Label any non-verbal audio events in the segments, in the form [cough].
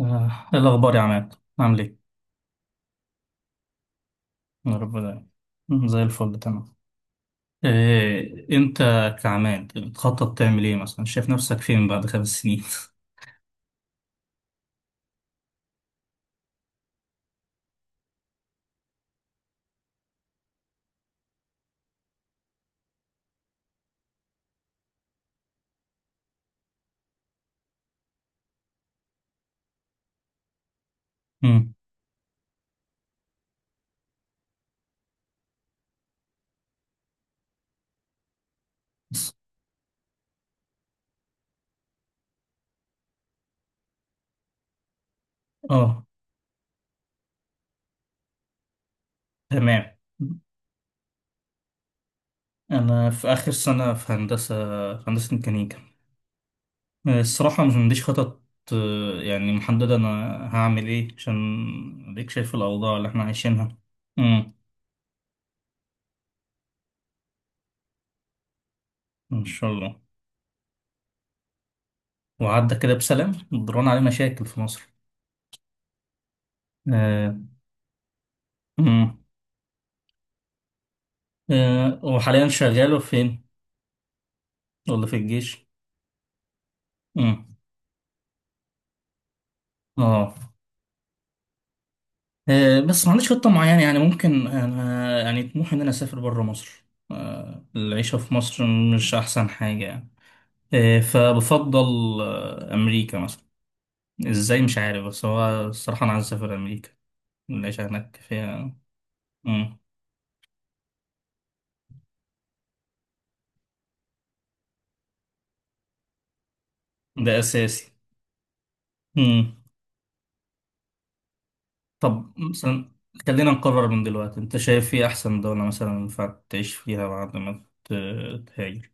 إيه الأخبار يا عماد عامل إيه؟ يا رب دايما. زي الفل تمام. إيه أنت كعماد بتخطط تعمل إيه مثلا شايف نفسك فين بعد 5 سنين؟ [laughs] مم. آه، تمام. أنا في آخر سنة في هندسة ميكانيكا. الصراحة مش عنديش خطط. يعني محددة أنا هعمل إيه عشان أديك شايف الأوضاع اللي إحنا عايشينها. مم. إن شاء الله. وعدى كده بسلام ضران عليه مشاكل في مصر. آه. وحاليا شغاله فين ولا في الجيش؟ امم اه. بس ما عنديش خطة معينة يعني ممكن أنا يعني طموحي إن أنا أسافر برا مصر. العيشة في مصر مش أحسن حاجة يعني. فبفضل أمريكا مثلا. إزاي مش عارف بس هو الصراحة أنا عايز أسافر أمريكا. العيشة هناك فيها. مم. ده أساسي. مم. طب مثلا خلينا نقرر من دلوقتي أنت شايف إيه أحسن دولة مثلا ينفع تعيش فيها بعد ما تهاجر؟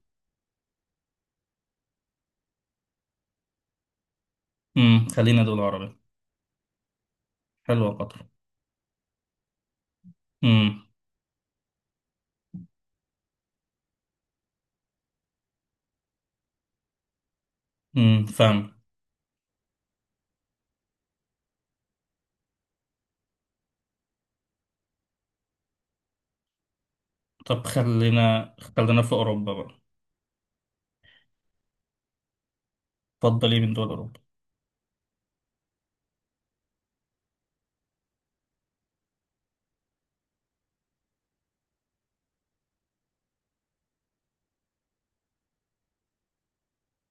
خلينا دول عربي. حلوة قطر. امم فاهم. طب خلينا في أوروبا بقى. اتفضل ايه من دول أوروبا؟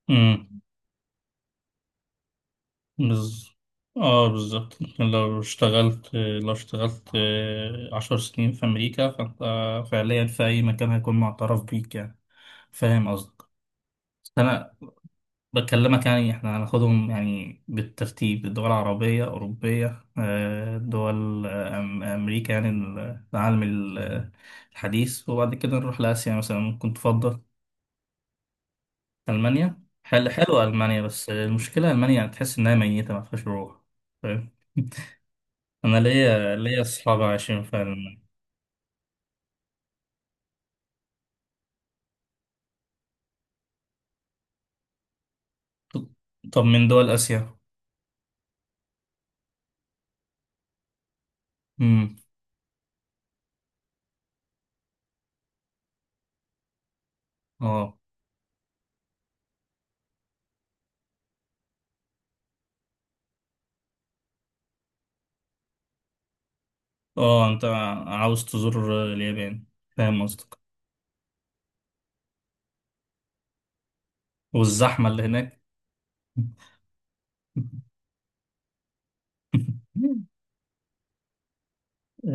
امم. بز... اه، بالظبط لو اشتغلت 10 سنين في أمريكا فأنت فعليا في أي مكان هيكون معترف بيك يعني. فاهم قصدك. بس أنا بكلمك يعني احنا هناخدهم يعني بالترتيب الدول العربية أوروبية، دول أمريكا يعني العالم الحديث وبعد كده نروح لآسيا مثلا ممكن تفضل. ألمانيا حلوة. ألمانيا بس المشكلة ألمانيا يعني تحس إنها ميتة ما فيهاش روح فاهم. [laughs] أنا ليا أصحاب عايشين في ألمانيا. طب طب من دول آسيا. امم. اه، اه، أنت عاوز تزور اليابان؟ فاهم قصدك. والزحمة اللي هناك. [laughs] [laughs]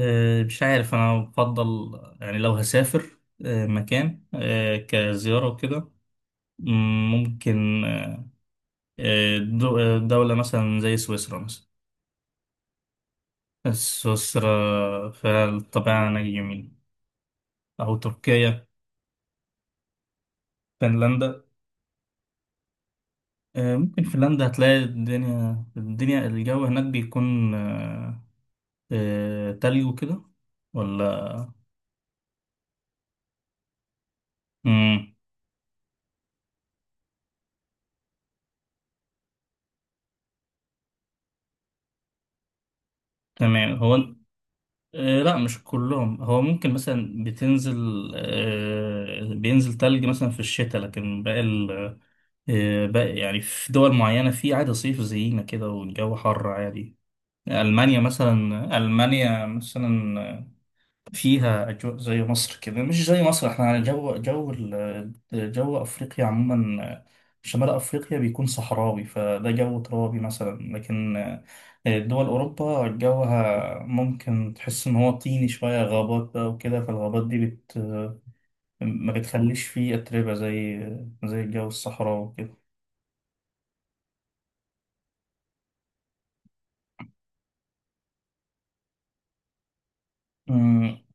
مش عارف انا بفضل يعني لو هسافر مكان كزيارة وكده. ممكن دولة مثلا زي سويسرا مثلا. سويسرا فيها الطبيعة هناك جميلة. أو تركيا. فنلندا. ممكن فنلندا هتلاقي الدنيا الجو هناك بيكون تلج وكده ولا؟ مم. تمام هو لا مش كلهم. هو ممكن مثلا بتنزل آه، بينزل تلج مثلا في الشتاء لكن باقي باقي يعني في دول معينة في عادي صيف زينا كده والجو حر عادي. ألمانيا مثلا فيها أجواء زي مصر كده مش زي مصر. احنا على جو جو أفريقيا عموما. شمال أفريقيا بيكون صحراوي فده جو ترابي مثلا لكن دول أوروبا جوها ممكن تحس إن هو طيني شوية غابات بقى وكده فالغابات دي ما بتخليش فيه أتربة زي الجو الصحراوي وكده.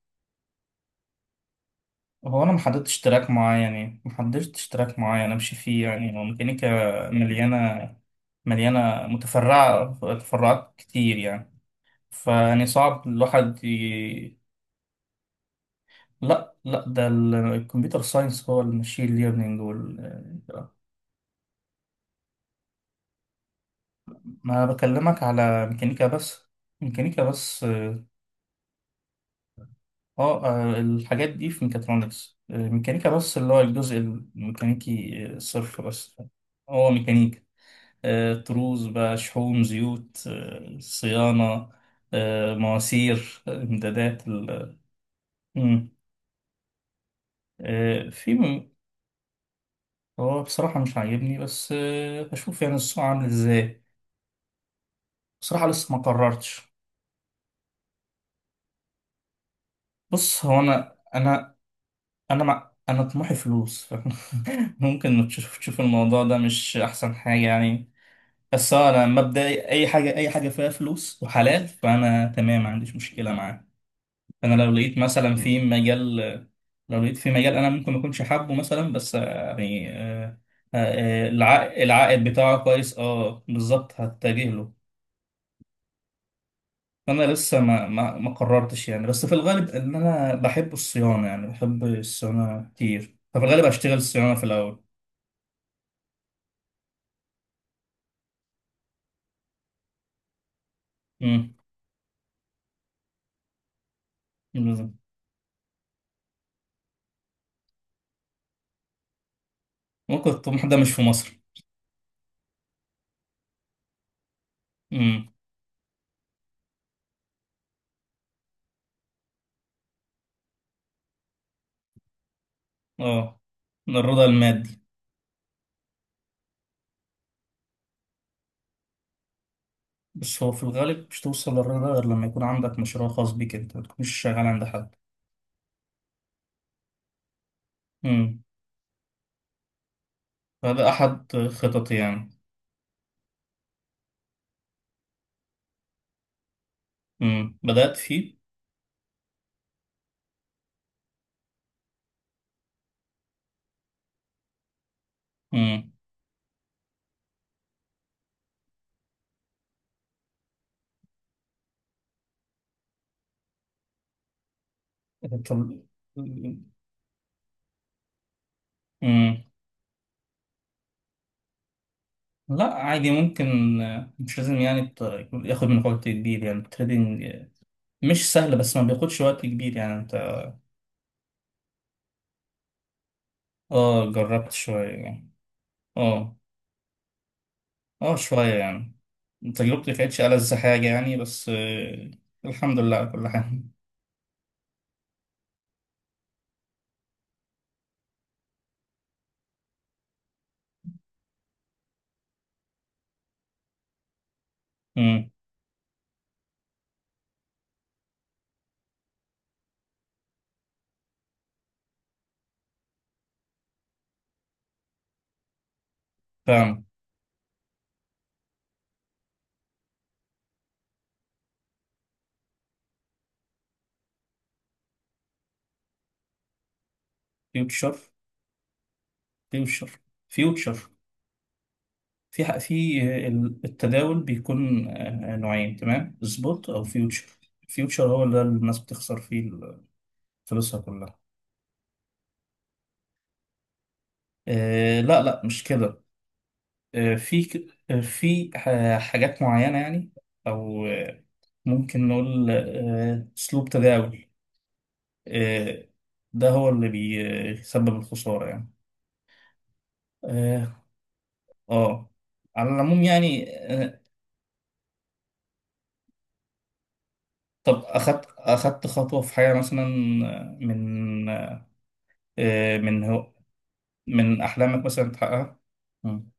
هو انا ما حددتش تراك معين يعني ما حددتش تراك معين امشي فيه يعني هو ميكانيكا مليانه متفرعه تفرعات كتير يعني. فيعني صعب الواحد لا لا ده الكمبيوتر ساينس هو المشين ليرنينج ما بكلمك على ميكانيكا بس. ميكانيكا بس اه. الحاجات دي في ميكاترونكس، ميكانيكا بس اللي هو الجزء الميكانيكي صرف بس. هو ميكانيكا طروز بقى شحوم زيوت، صيانة، مواسير، امدادات مم. آه، في م- هو بصراحة مش عاجبني بس هشوف يعني السوق عامل ازاي. بصراحة لسه ما قررتش. بص هو انا طموحي فلوس. [laughs] فاهم؟ ممكن تشوف الموضوع ده مش احسن حاجة يعني. بس هو انا مبدئي اي حاجة فيها فلوس وحلال فانا تمام ما عنديش مشكلة معاه. انا لو لقيت في مجال انا ممكن ما اكونش حابه مثلا بس يعني العائد بتاعه كويس اه بالظبط هتجه له. انا لسه ما قررتش يعني بس في الغالب ان انا بحب الصيانه يعني بحب الصيانه كتير ففي الغالب هشتغل صيانه في الاول. امم. بالظبط. ممكن الطموح ده مش في مصر. امم. اه. الرضا المادي. بس هو في الغالب مش توصل للرضا غير لما يكون عندك مشروع خاص بيك انت ما تكونش شغال عند حد. امم. هذا أحد خططي يعني. مم. بدأت فيه. مم. طب. مم. لا عادي ممكن مش لازم يعني ياخد منك وقت كبير يعني التريدينج. مش سهل بس ما بياخدش وقت كبير يعني انت. اه، جربت شوية يعني. اه. اه، شوية يعني. تجربتي كانتش ألذ حاجة يعني بس الحمد لله على كل حال. مم. فاهم. فيوتشر. فيوتشر. فيوتشر. في حق في التداول بيكون نوعين تمام سبوت او فيوتشر. فيوتشر هو اللي الناس بتخسر فيه فلوسها كلها. لا لا مش كده. في في حاجات معينة يعني. او ممكن نقول اسلوب تداول. آه. ده هو اللي بيسبب الخسارة يعني. اه. آه. على العموم يعني آه، طب أخدت خطوة في حاجة مثلا آه، من هو من أحلامك مثلا تحققها. مم.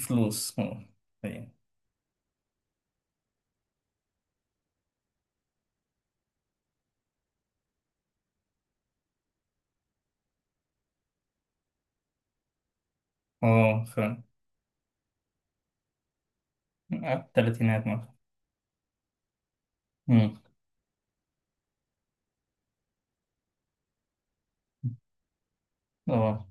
فلوس اه. أيوة. فاهم. على التلاتينات مثلا. مم. اه،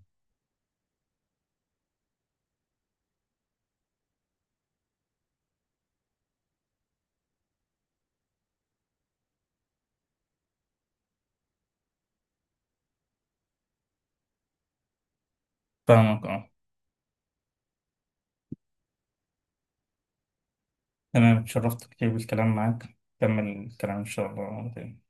فاهمك. اه. تمام اتشرفت كتير بالكلام معاك كمل الكلام إن شاء الله تاني.